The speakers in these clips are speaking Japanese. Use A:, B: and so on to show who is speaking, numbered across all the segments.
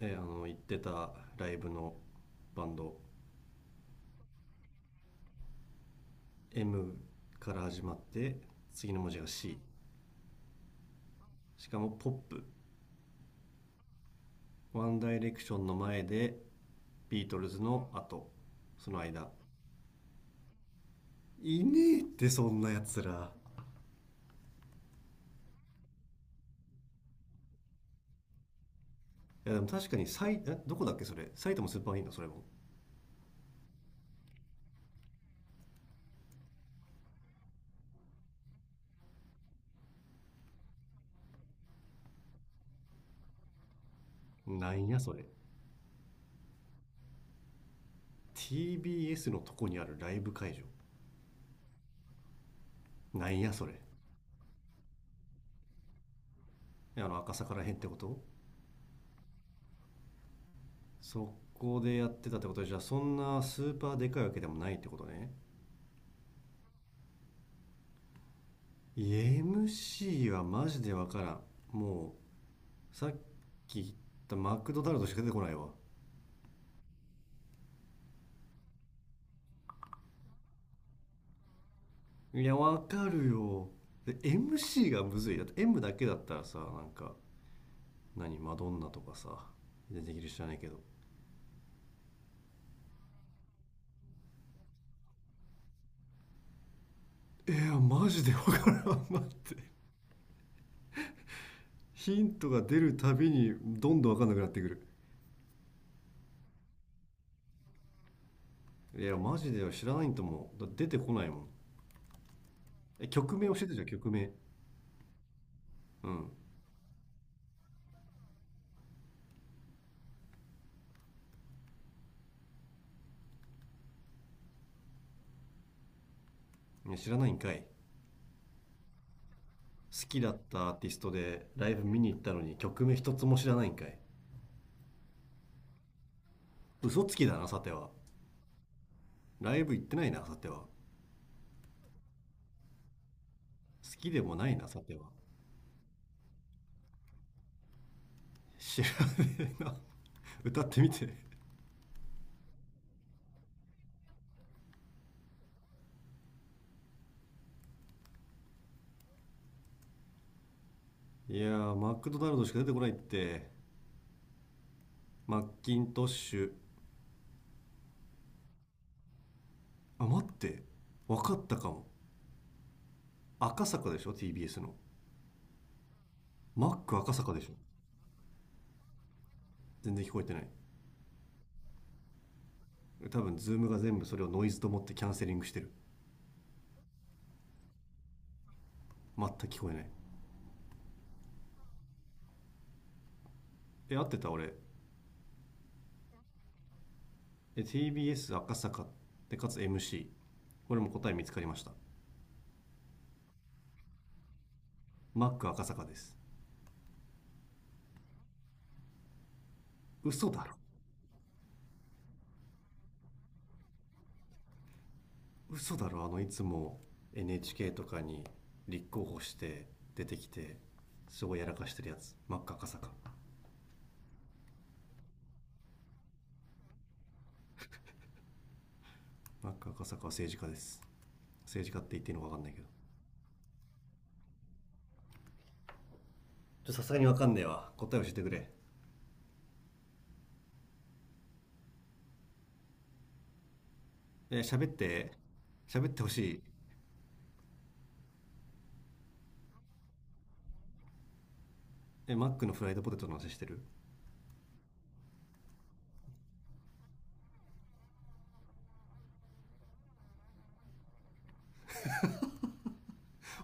A: 行ってたライブのバンド。 M から始まって、次の文字が C。 しかもポップ。ワンダイレクションの前で、ビートルズの後、その間。いねえってそんなやつら。いやでも確かに、さ、いえ、どこだっけそれ、埼玉スーパーいンだそれも。なんやそれ。 TBS のとこにあるライブ会場。なんやそれ。あの赤坂らへんってこと？そこでやってたってことで、じゃあそんなスーパーでかいわけでもないってことね。 MC はマジでわからん。もうさっき言ったマクドナルドしか出てこないわ。いやわかるよ。で MC がむずいだって、 M だけだったらさ、なんか何、マドンナとかさ、出てきる、知らないけど。いやマジでわからん。 待って。ヒントが出るたびにどんどんわかんなくなってくる。いやマジでは知らないんと、もうだって出てこないもん。え、曲名教えてじゃん、曲名。うん。いや知らないんかい。好きだったアーティストでライブ見に行ったのに曲名一つも知らないんかい。嘘つきだなさては。ライブ行ってないなさては。好きでもないなさては。知らねえな。 歌ってみて。 いやー、マクドナルドしか出てこないって。マッキントッシュ。あ待って、分かったかも。赤坂でしょ TBS の。マック赤坂でしょ。全然聞こえてない。多分ズームが全部それをノイズと思ってキャンセリングしてる。全く聞こえない。え、合ってた俺？ TBS 赤坂でかつ MC、 これも答え見つかりました。マック赤坂です。嘘だろ。嘘だろ、あのいつも NHK とかに立候補して出てきてすごいやらかしてるやつ、マック赤坂。マック赤坂は政治家です。政治家って言っていいのか分かんないけど。ちょ、さすがに分かんねえわ、答え教えてくれ。えー喋って。喋ってほしい。え、マックのフライドポテトの話してる？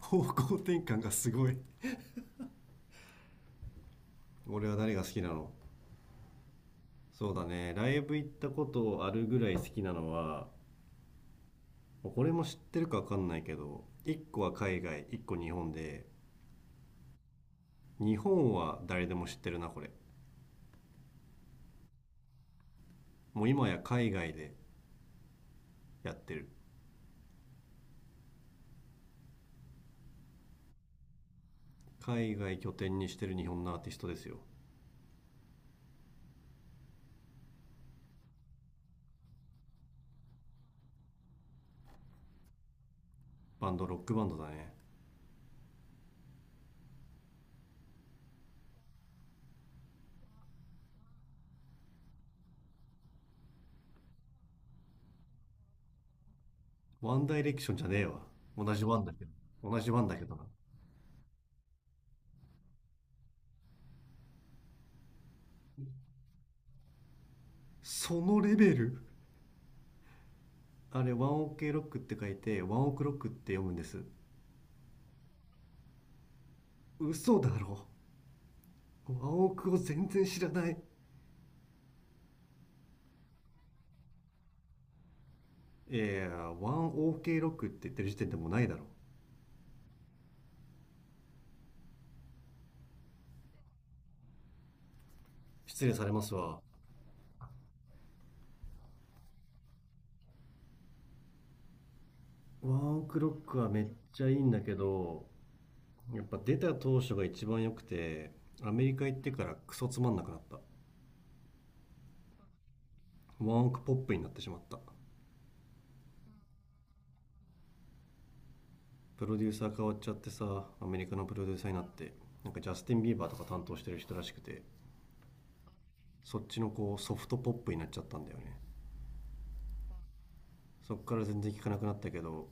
A: 方向転換がすごい。俺は誰が好きなの？そうだね、ライブ行ったことあるぐらい好きなのは、これも知ってるかわかんないけど、1個は海外、1個日本で、日本は誰でも知ってるな、これ。もう今や海外でやってる。海外拠点にしてる日本のアーティストですよ。バンド、ロックバンドだね。ワンダイレクションじゃねえわ。同じワンだけど。同じワンだけどな。そのレベル。あれ、ワンオケロックって書いて、ワンオクロックって読むんです。嘘だろ。ワンオクを全然知らない。いやいや、ワンオーケーロックって言ってる時点でもうないだろ。失礼されますわ。ワンオクロックはめっちゃいいんだけど、やっぱ出た当初が一番良くて、アメリカ行ってからクソつまんなくなった。ワンオクポップになってしまった。プロデューサー変わっちゃってさ、アメリカのプロデューサーになって、ジャスティン・ビーバーとか担当してる人らしくて、そっちのこうソフトポップになっちゃったんだよね。そっから全然聞かなくなったけど、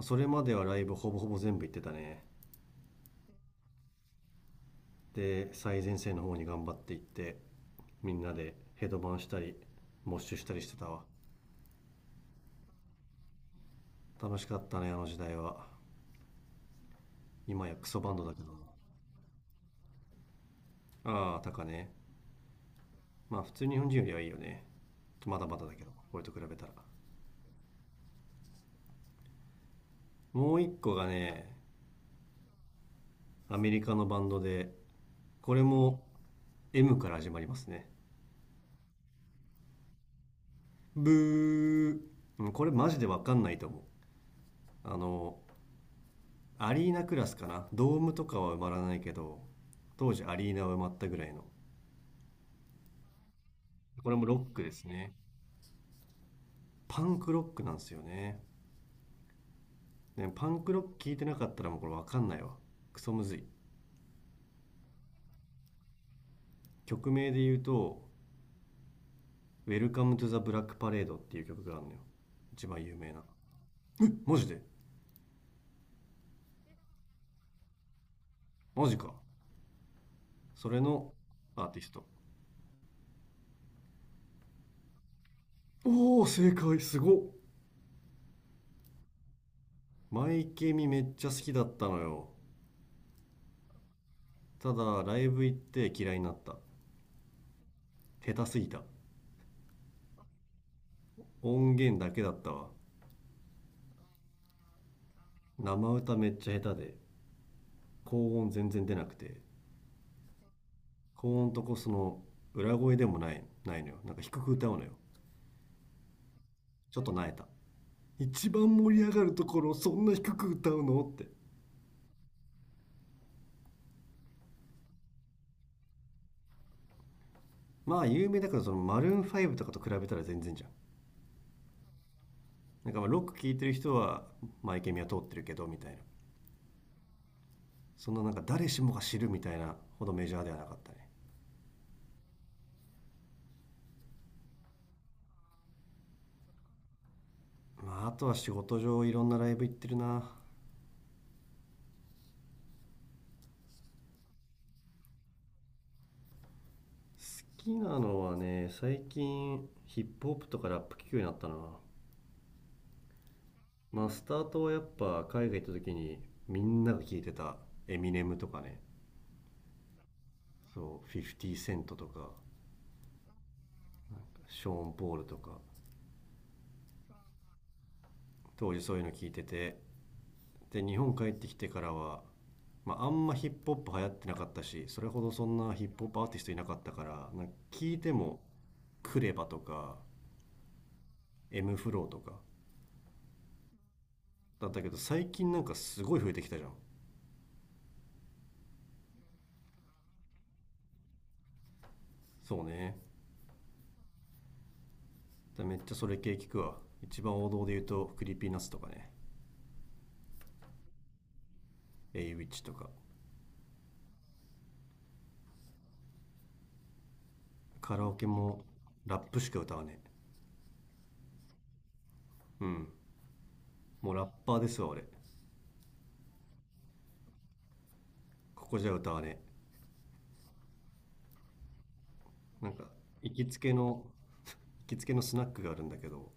A: それまではライブほぼほぼ全部行ってたね。で、最前線の方に頑張って行って、みんなでヘドバンしたりモッシュしたりしてたわ。楽しかったねあの時代は。今やクソバンドだけど。なあ、あタカね。まあ普通、日本人よりはいいよね。まだまだだけど、俺と比べたら。もう一個がね、アメリカのバンドで、これも M から始まりますね。ブー。うん、これマジでわかんないと思う。あのアリーナクラスかな、ドームとかは埋まらないけど、当時アリーナは埋まったぐらいの。これもロックですね。パンクロックなんですよねね。パンクロック聞いてなかったらもうこれ分かんないわ。クソむずい。曲名で言うと「Welcome to the Black Parade」っていう曲があるのよ、一番有名な。マジで？マジか。それのアーティスト。おお正解、すごっ。マイケミめっちゃ好きだったのよ。ただライブ行って嫌いになった。下手すぎた。音源だけだったわ。生歌めっちゃ下手で、高音全然出なくて、高音とこその裏声でもないないのよ、低く歌うのよ。ちょっとなえた。一番盛り上がるところをそんな低く歌うのって。まあ有名だから、そのマルーン5とかと比べたら全然じゃん。まあロック聴いてる人はマイケミは通ってるけどみたいな。そんな誰しもが知るみたいなほどメジャーではなかったね。まああとは仕事上いろんなライブ行ってるな。好きなのはね、最近ヒップホップとかラップ聴くようになったな。まあスタートはやっぱ海外行った時にみんなが聴いてたエミネムとかね。そう、50セントとか、ショーン・ポールとか。当時そういうの聞いてて、で日本帰ってきてからは、まあ、あんまヒップホップ流行ってなかったし、それほどそんなヒップホップアーティストいなかったから、なんか聞いてもクレバとか M フローとかだったけど、最近なんかすごい増えてきたじゃん。そうね。だめっちゃそれ系聞くわ。一番王道で言うとクリーピーナッツとかね、エイウィッチとか。カラオケもラップしか歌わねえ。うん、もうラッパーですわ俺。ここじゃ歌わねえ。行きつけの行きつけのスナックがあるんだけど、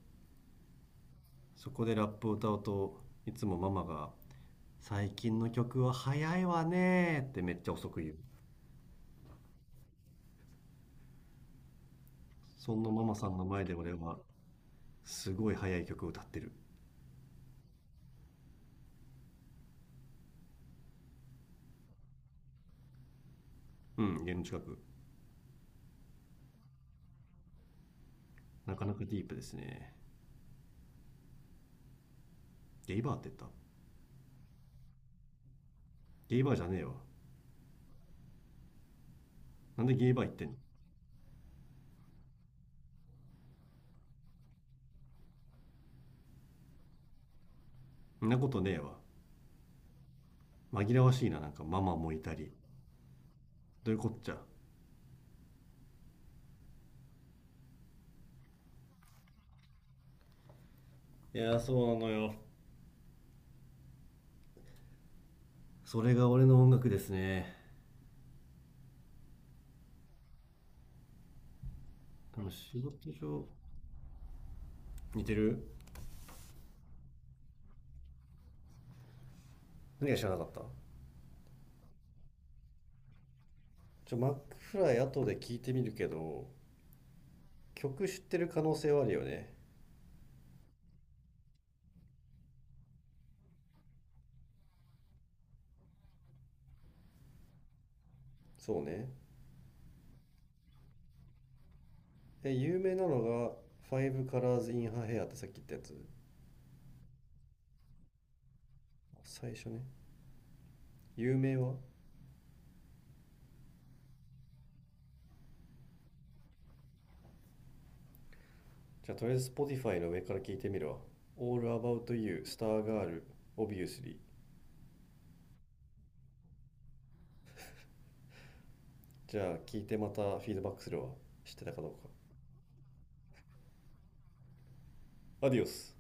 A: そこでラップを歌うといつもママが「最近の曲は早いわね」ってめっちゃ遅く言う。そんなママさんの前で俺はすごい早い曲を歌ってる。うん、家の近く。なかなかディープですね。ゲイバーって言った？ゲイバーじゃねえわ。なんでゲイバー言ってんの。そんなことねえわ。紛らわしいな、なんかママもいたり。どういうこっちゃ。いやーそうなのよ、それが俺の音楽ですね。でも仕事上、似てる。何が知らなかった？ちょ、マックフライ後で聞いてみるけど曲知ってる可能性はあるよね。そうね。え、有名なのが「Five Colors in Her Hair」ってさっき言ったやつ、最初ね。有名は、じゃあとりあえず Spotify の上から聞いてみるわ。「All About You」、「Star Girl」、「Obviously」。じゃあ聞いてまたフィードバックするわ、知ってたかどうか。アディオス。